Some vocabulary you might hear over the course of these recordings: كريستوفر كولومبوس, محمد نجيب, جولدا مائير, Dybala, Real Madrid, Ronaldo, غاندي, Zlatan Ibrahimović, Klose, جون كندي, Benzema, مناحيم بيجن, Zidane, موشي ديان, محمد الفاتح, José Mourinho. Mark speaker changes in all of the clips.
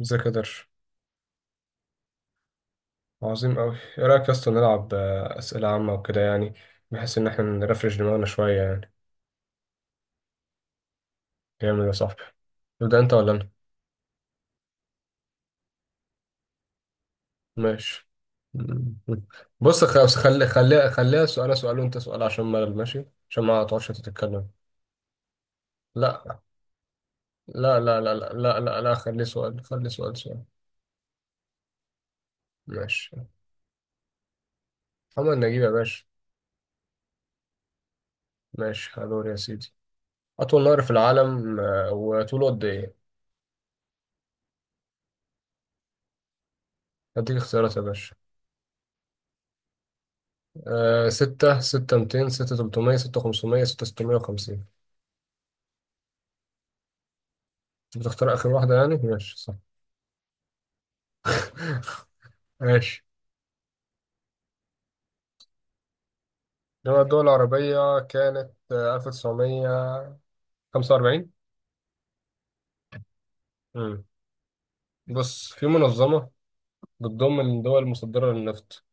Speaker 1: ازيك يا درش؟ عظيم أوي. إيه رأيك يا اسطى، نلعب أسئلة عامة وكده يعني؟ بحيث إن إحنا نرفرش دماغنا شوية يعني. جامد يا صاحبي. تبدأ أنت ولا أنا؟ ماشي. مم. بص، خلاص، خليها سؤال سؤال، وأنت سؤال عشان ملل، ماشي؟ عشان ما تقعدش تتكلم. لا، لا، لا، لا، لا، لا، لا، لا، خليه سؤال، خليه سؤال سؤال. ماشي. محمد نجيب يا باشا. ماشي، هدور يا سيدي. أطول نهر في العالم، وطوله قد إيه؟ هديك اختيارات يا باشا. ستة، ستة ميتين، ستة تلتمية، ستة خمسمية، ستة ستمية وخمسين. أنت بتختار آخر واحدة يعني، ماشي صح. ماشي. إنما الدول العربية كانت 1945. امم بص، في منظمة بتضم الدول المصدرة للنفط،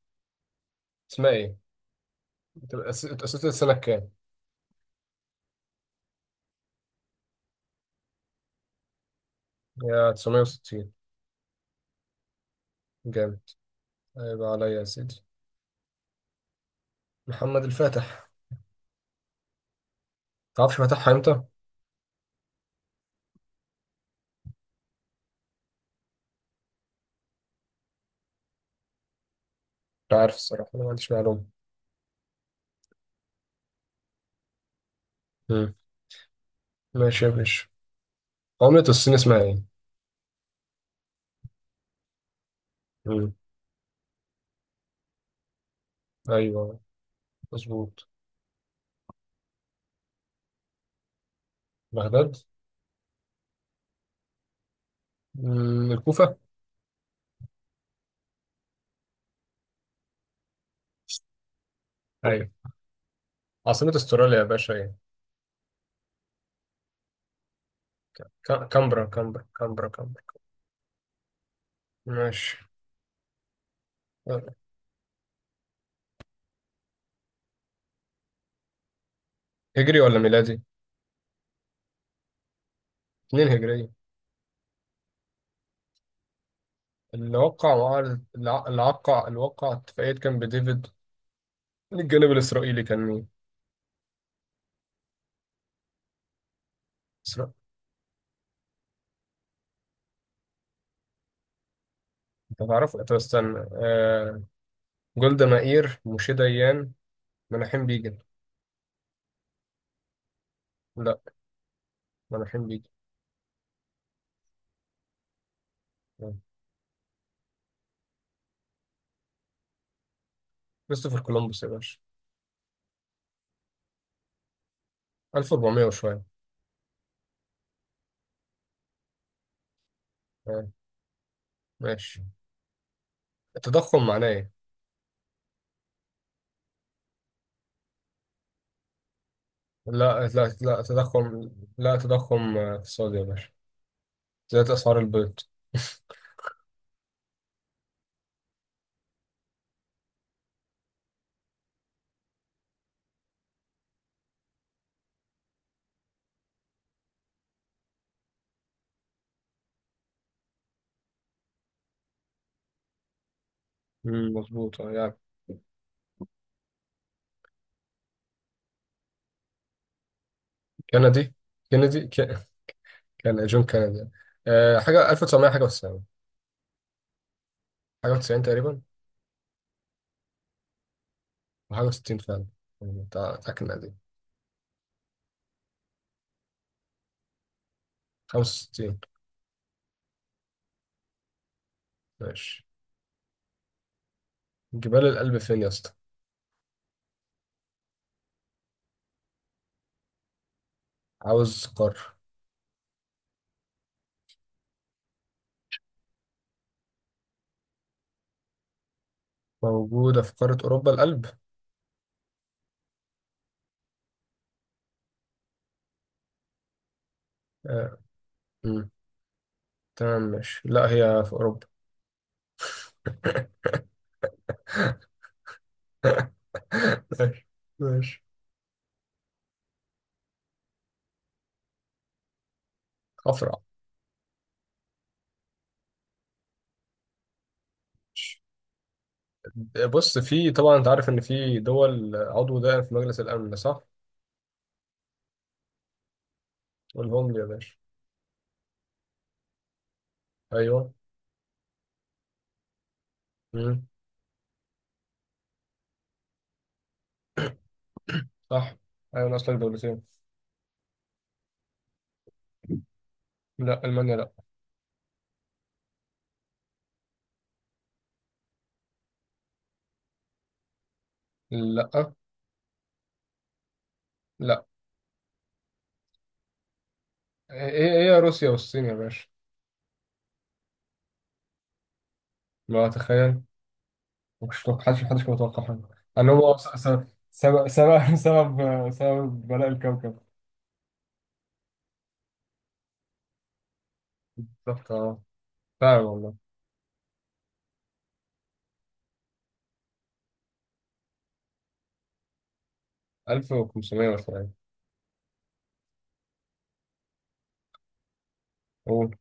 Speaker 1: اسمها إيه؟ بتبقى اتأسست سنة كام؟ هي 1960. جامد. هيبقى عليا يا سيدي. محمد الفاتح. تعرفش فتحها إمتى؟ مش عارف الصراحة، أنا ما عنديش معلومة. مم. ماشي يا باشا. عملة الصين اسمها إيه؟ مم. أيوه، مظبوط. بغداد. مم، الكوفة. أيوة. عاصمة استراليا يا باشا، إيه؟ كامبرا كامبرا كامبرا كامبرا. ماشي. هجري ولا ميلادي؟ اتنين هجرية. اللي وقع معاهدة الع- اللي وقع اللي وقع اتفاقية كامب ديفيد، من الجانب الإسرائيلي كان مين؟ إسرائيل. أنت تعرف؟ طب استنى. جولدا مائير، موشي ديان، مناحيم بيجن. لا. مناحيم بيجن. آه. كريستوفر كولومبوس يا باشا. 1400 وشوية. آه. ماشي. التضخم معناه إيه؟ لا، لا، لا، تضخم. لا، تضخم اقتصادي يا باشا، زيادة أسعار البيض. مم، مظبوط، يعني. كندي كندي ك-، كان جون كندي. حاجة 1900 حاجة و90. حاجة و90 تقريبا. وحاجة و60 فعلا. يعني بتاع كندي. 65. ماشي. جبال الألب فين يا اسطى؟ عاوز قارة. موجودة في قارة أوروبا، الألب. آه. مم. تمام، ماشي، لا، هي في أوروبا. ماشي. ماشي. أفرع. بص، في طبعا انت عارف ان في دول عضو دائم في مجلس الامن، صح؟ والهم يا باشا. ايوه. مم. صح. ايوه، ناقص لك دولتين. لا، المانيا لا. لا. لا ايه روسيا والصين يا باشا. ما تخيل. مش محدش كان متوقع حاجه. ان هو سبب سبب سبب سبب بلاء الكوكب. بالظبط، اه، فعلا والله. 1500 مثلا. قول.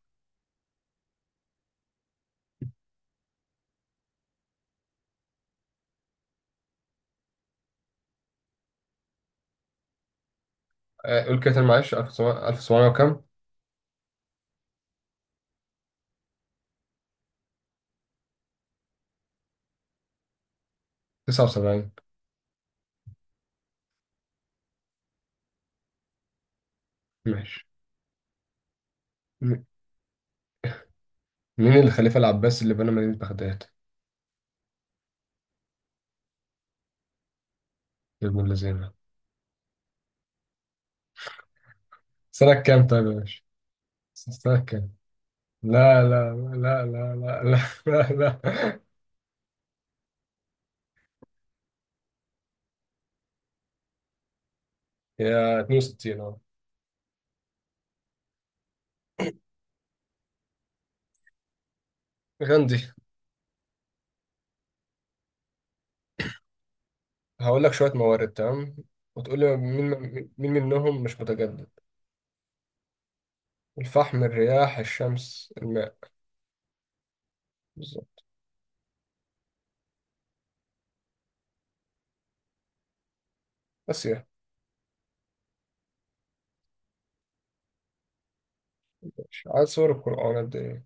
Speaker 1: قول كده تاني معلش، 1700، 1700 وكام. 79. ماشي. مين الخليفة العباسي اللي بنى مدينة بغداد؟ يا ابن الذين. سنة كام طيب يا باشا؟ سنة كام؟ لا، لا، لا، لا، لا، لا، لا، لا. يا 62، اه. غاندي. هقول لك شوية موارد، تمام؟ وتقول لي مين. مين منهم مش متجدد؟ الفحم، الرياح، الشمس، الماء. بالظبط. بس يا... ماشي. عدد سور القرآن قد ايه؟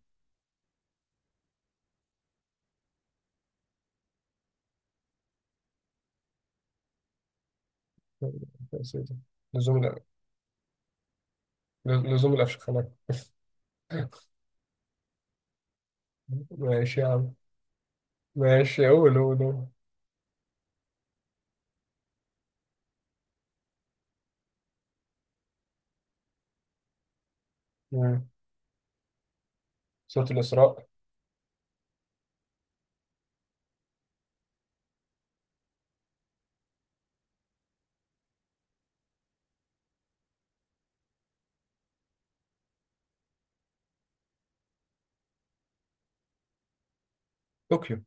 Speaker 1: يا سيدي. لزوم الأ- لزوم الأفشخانات. ماشي يا عم، ماشي. قول، قول، قول. مم. سورة الإسراء. طوكيو.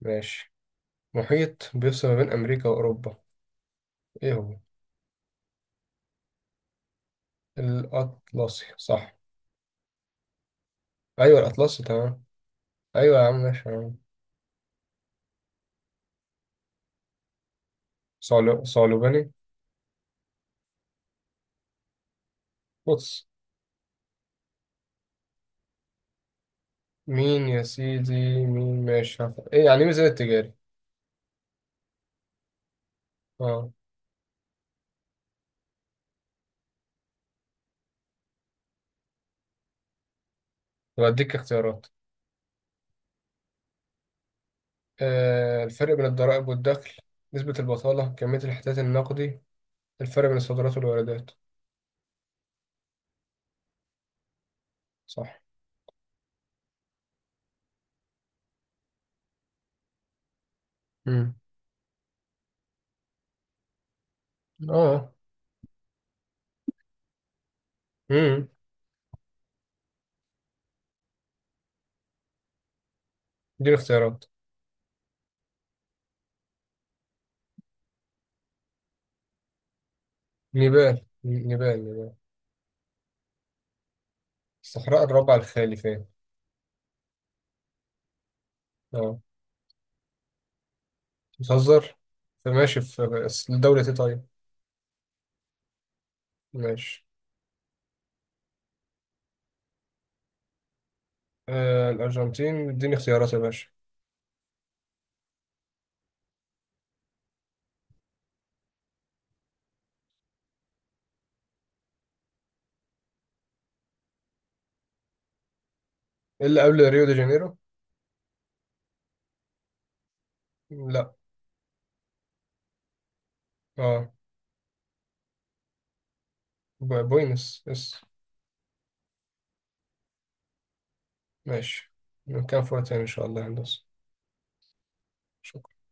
Speaker 1: ماشي. محيط بيفصل ما بين أمريكا وأوروبا، إيه هو؟ الأطلسي، صح. أيوة، الأطلسي تمام. أيوة يا عم، ماشي، تمام. صعلوباني. بص. مين يا سيدي؟ مين، ماشي، إيه يعني إيه ميزان التجاري؟ أه. طب أديك اختيارات. الفرق بين الضرائب والدخل، نسبة البطالة، كمية الاحتياط النقدي، الفرق بين الصادرات والواردات. صح. امم أه امم دي الاختيارات. نيبال نيبال نيبال. الصحراء الربع الخالي فين؟ اه. بتهزر. فماشي، في، بس لدولة ايه طيب؟ ماشي. الأرجنتين، اديني اختيارات يا باشا. إيه اللي قبل ريو دي جانيرو؟ لا. اه. بوينس اس. ماشي. كان فوق تاني إن شاء الله يا هندسة. شكرا.